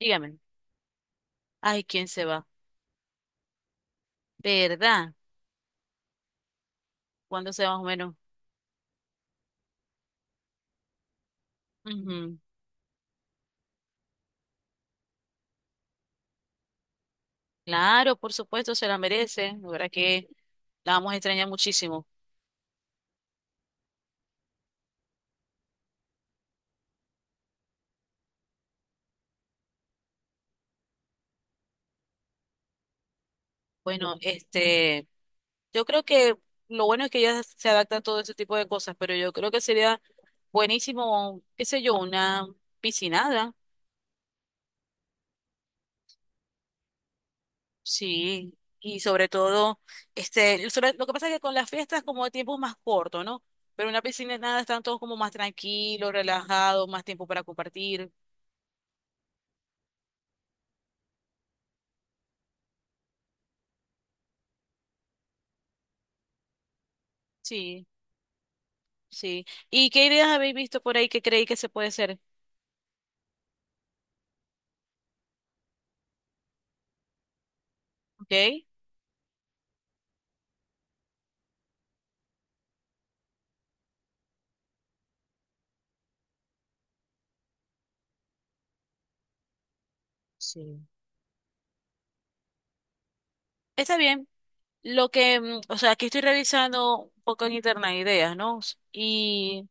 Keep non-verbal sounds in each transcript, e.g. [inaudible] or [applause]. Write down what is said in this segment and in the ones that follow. Dígame. Ay, ¿quién se va? ¿Verdad? ¿Cuándo se va más o menos? Ujú. Claro, por supuesto, se la merece. La verdad que la vamos a extrañar muchísimo. Bueno, yo creo que lo bueno es que ya se adapta a todo ese tipo de cosas, pero yo creo que sería buenísimo, qué sé yo, una piscinada. Sí. Y sobre todo, lo que pasa es que con las fiestas como el tiempo es más corto, ¿no? Pero en una piscinada están todos como más tranquilos, relajados, más tiempo para compartir. Sí. Sí. ¿Y qué ideas habéis visto por ahí que creéis que se puede hacer? Ok. Sí. Está bien. O sea, aquí estoy revisando un poco en internet ideas, ¿no? Y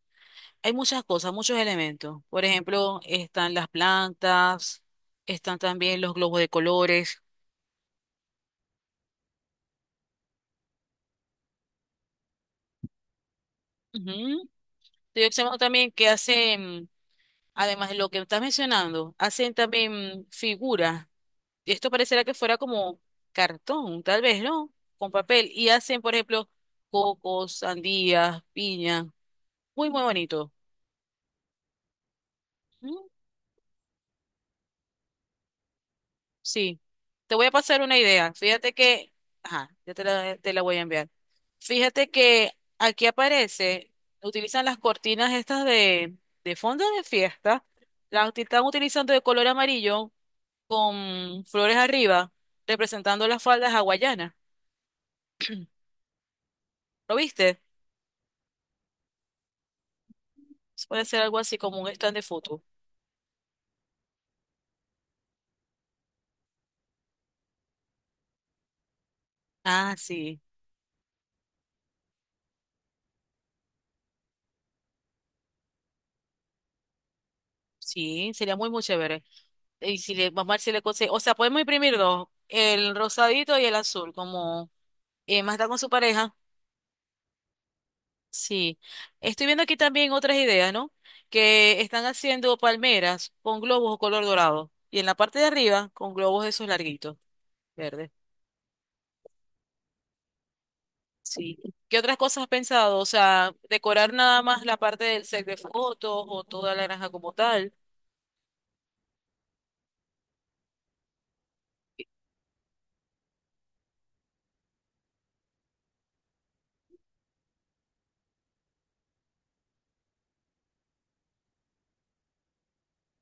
hay muchas cosas, muchos elementos. Por ejemplo, están las plantas, están también los globos de colores. Ujú. Estoy observando también que hacen, además de lo que estás mencionando, hacen también figuras, esto parecerá que fuera como cartón, tal vez, ¿no? Con papel. Y hacen, por ejemplo, cocos, sandías, piña. Muy, muy bonito. Mm, Sí. Te voy a pasar una idea. Fíjate que, ajá, ya te la voy a enviar. Fíjate que aquí aparece, utilizan las cortinas estas de fondo de fiesta. Están utilizando de color amarillo con flores arriba, representando las faldas hawaianas. ¿Lo viste? Puede ser algo así como un stand de foto. Ah, sí, sí, sería muy, muy chévere. Y si le, vamos a ver si le consigue, o sea, podemos imprimir dos, el rosadito y el azul, como más está con su pareja. Sí, estoy viendo aquí también otras ideas, ¿no? Que están haciendo palmeras con globos o color dorado. Y en la parte de arriba, con globos esos larguitos, verdes. Sí. ¿Qué otras cosas has pensado? O sea, decorar nada más la parte del set de fotos o toda la granja como tal.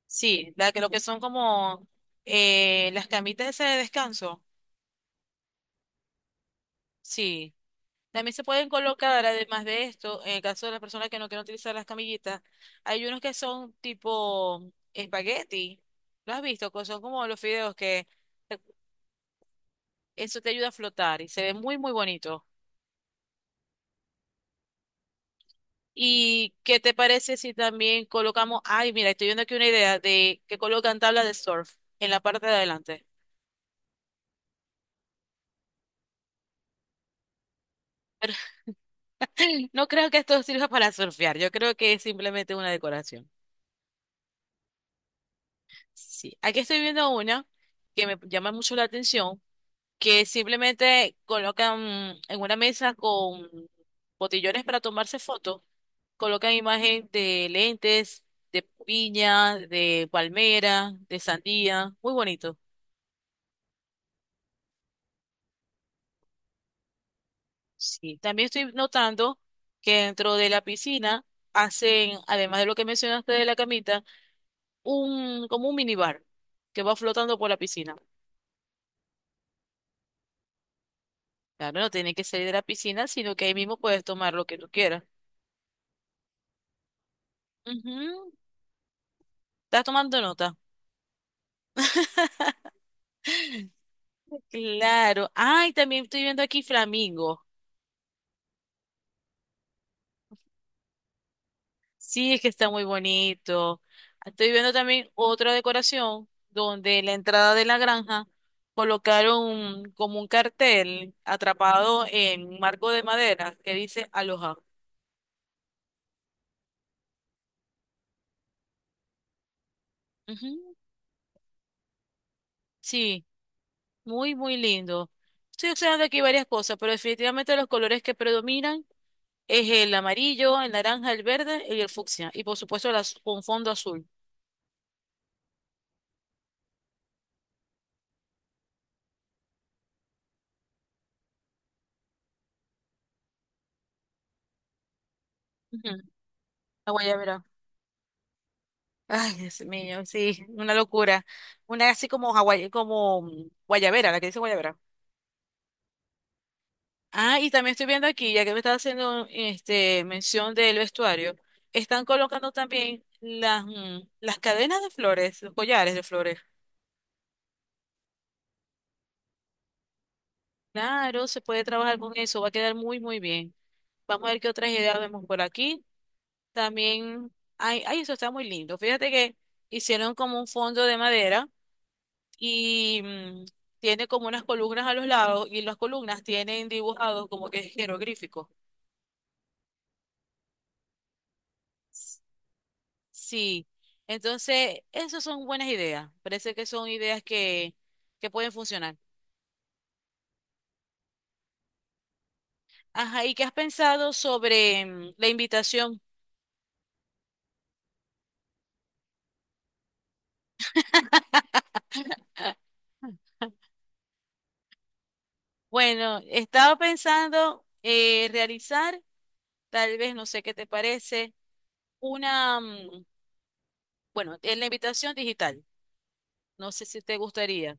Sí, la que lo que son como las camitas esas de descanso. Sí. También se pueden colocar, además de esto, en el caso de las personas que no quieren utilizar las camillitas, hay unos que son tipo espagueti. ¿Lo has visto? Son como los fideos que eh, eso te ayuda a flotar y se ve muy, muy bonito. ¿Y qué te parece si también colocamos, ay, mira, estoy viendo aquí una idea de que colocan tablas de surf en la parte de adelante? [laughs] No creo que esto sirva para surfear, yo creo que es simplemente una decoración. Sí, aquí estoy viendo una que me llama mucho la atención, que simplemente colocan en una mesa con botellones para tomarse fotos, colocan imagen de lentes, de piña, de palmera, de sandía, muy bonito. Sí, también estoy notando que dentro de la piscina hacen, además de lo que mencionaste de la camita, un como un minibar que va flotando por la piscina. Claro, no tiene que salir de la piscina, sino que ahí mismo puedes tomar lo que tú quieras. Ujú. ¿Estás tomando nota? [laughs] Claro. Ay, también estoy viendo aquí flamingo. Sí, es que está muy bonito. Estoy viendo también otra decoración donde en la entrada de la granja colocaron como un cartel atrapado en un marco de madera que dice Aloha. Ujú. Sí, muy, muy lindo. Estoy observando aquí varias cosas, pero definitivamente los colores que predominan es el amarillo, el naranja, el verde y el fucsia. Y por supuesto las, con fondo azul. Ujú. La guayabera. Ay, Dios mío, sí, una locura. Una así como guayabera, la que dice guayabera. Ah, y también estoy viendo aquí, ya que me estás haciendo mención del vestuario, están colocando también las cadenas de flores, los collares de flores. Claro, se puede trabajar con eso, va a quedar muy, muy bien. Vamos a ver qué otras ideas vemos por aquí. También, ay, ay, eso está muy lindo. Fíjate que hicieron como un fondo de madera y, tiene como unas columnas a los lados y las columnas tienen dibujados como que jeroglíficos. Sí, entonces esas son buenas ideas. Parece que que pueden funcionar. Ajá, ¿y qué has pensado sobre la invitación? Bueno, estaba pensando realizar, tal vez, no sé qué te parece, una, mm, bueno, en la invitación digital. No sé si te gustaría.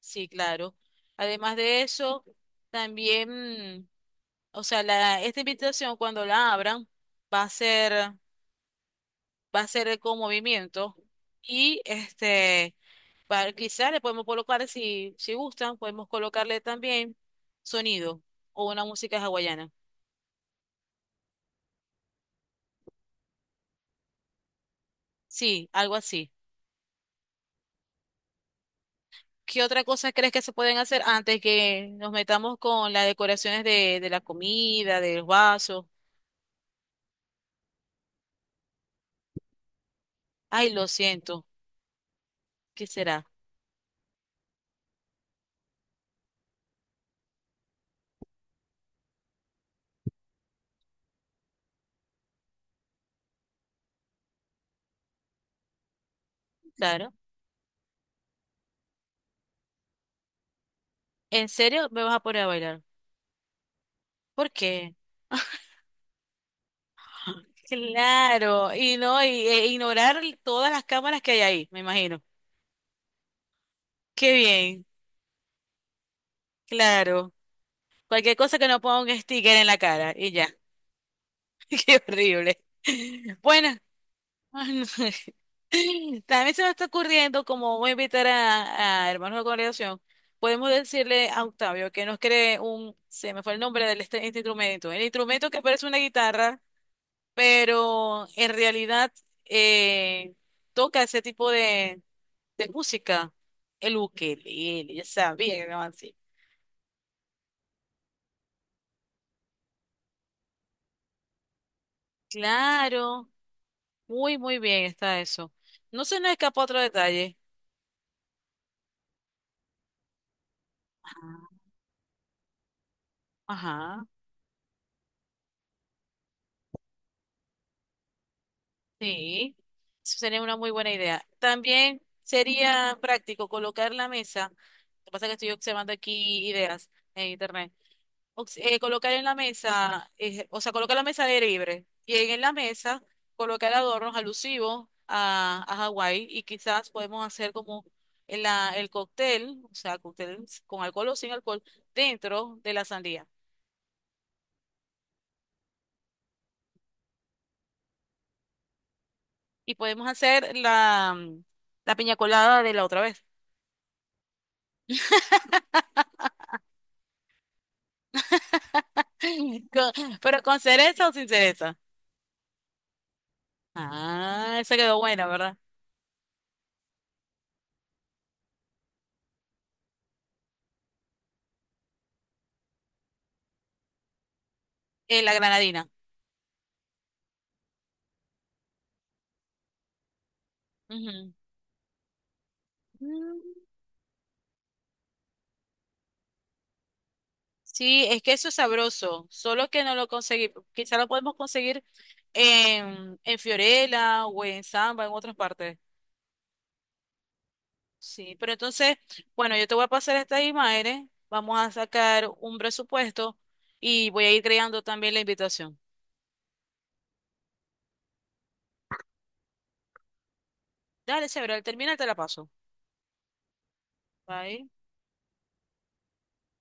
Sí, claro. Además de eso, también mm, o sea, esta invitación cuando la abran va a ser, va a ser con movimiento y para, quizás le podemos colocar, si gustan, podemos colocarle también sonido o una música hawaiana. Sí, algo así. ¿Qué otra cosa crees que se pueden hacer antes que nos metamos con las decoraciones de la comida, del vaso? Ay, lo siento. ¿Qué será? Claro. ¿En serio me vas a poner a bailar? ¿Por qué? [laughs] Claro, y no, y, e ignorar todas las cámaras que hay ahí, me imagino. Qué bien, claro. Cualquier cosa que no ponga un sticker en la cara y ya. [laughs] Qué horrible. Bueno, ay, no. [laughs] También se me está ocurriendo, como voy a invitar a hermanos de congregación, podemos decirle a Octavio que nos cree un, se me fue el nombre del este instrumento, el instrumento que parece una guitarra, pero en realidad eh, toca ese tipo de música, el ukelele, ya sabía que era así. Claro, muy, muy bien está eso. No se nos escapa otro detalle. Ajá, sí, eso sería una muy buena idea. También sería práctico colocar la mesa. Lo que pasa es que estoy observando aquí ideas en internet. Colocar en la mesa, o sea, colocar la mesa de libre y en la mesa colocar adornos alusivos a Hawái y quizás podemos hacer como el cóctel, o sea, cóctel con alcohol o sin alcohol, dentro de la sandía. Y podemos hacer la piña colada de la otra vez. [laughs] Con- pero con cereza o sin cereza. Ah, esa quedó buena, ¿verdad? La granadina. Ujú. Sí, es que eso es sabroso, solo que no lo conseguí. Quizá lo podemos conseguir en Fiorella o en Samba, en otras partes. Sí, pero entonces, bueno, yo te voy a pasar estas imágenes, vamos a sacar un presupuesto y voy a ir creando también la invitación. Dale, chévere, al terminar te la paso. Bye.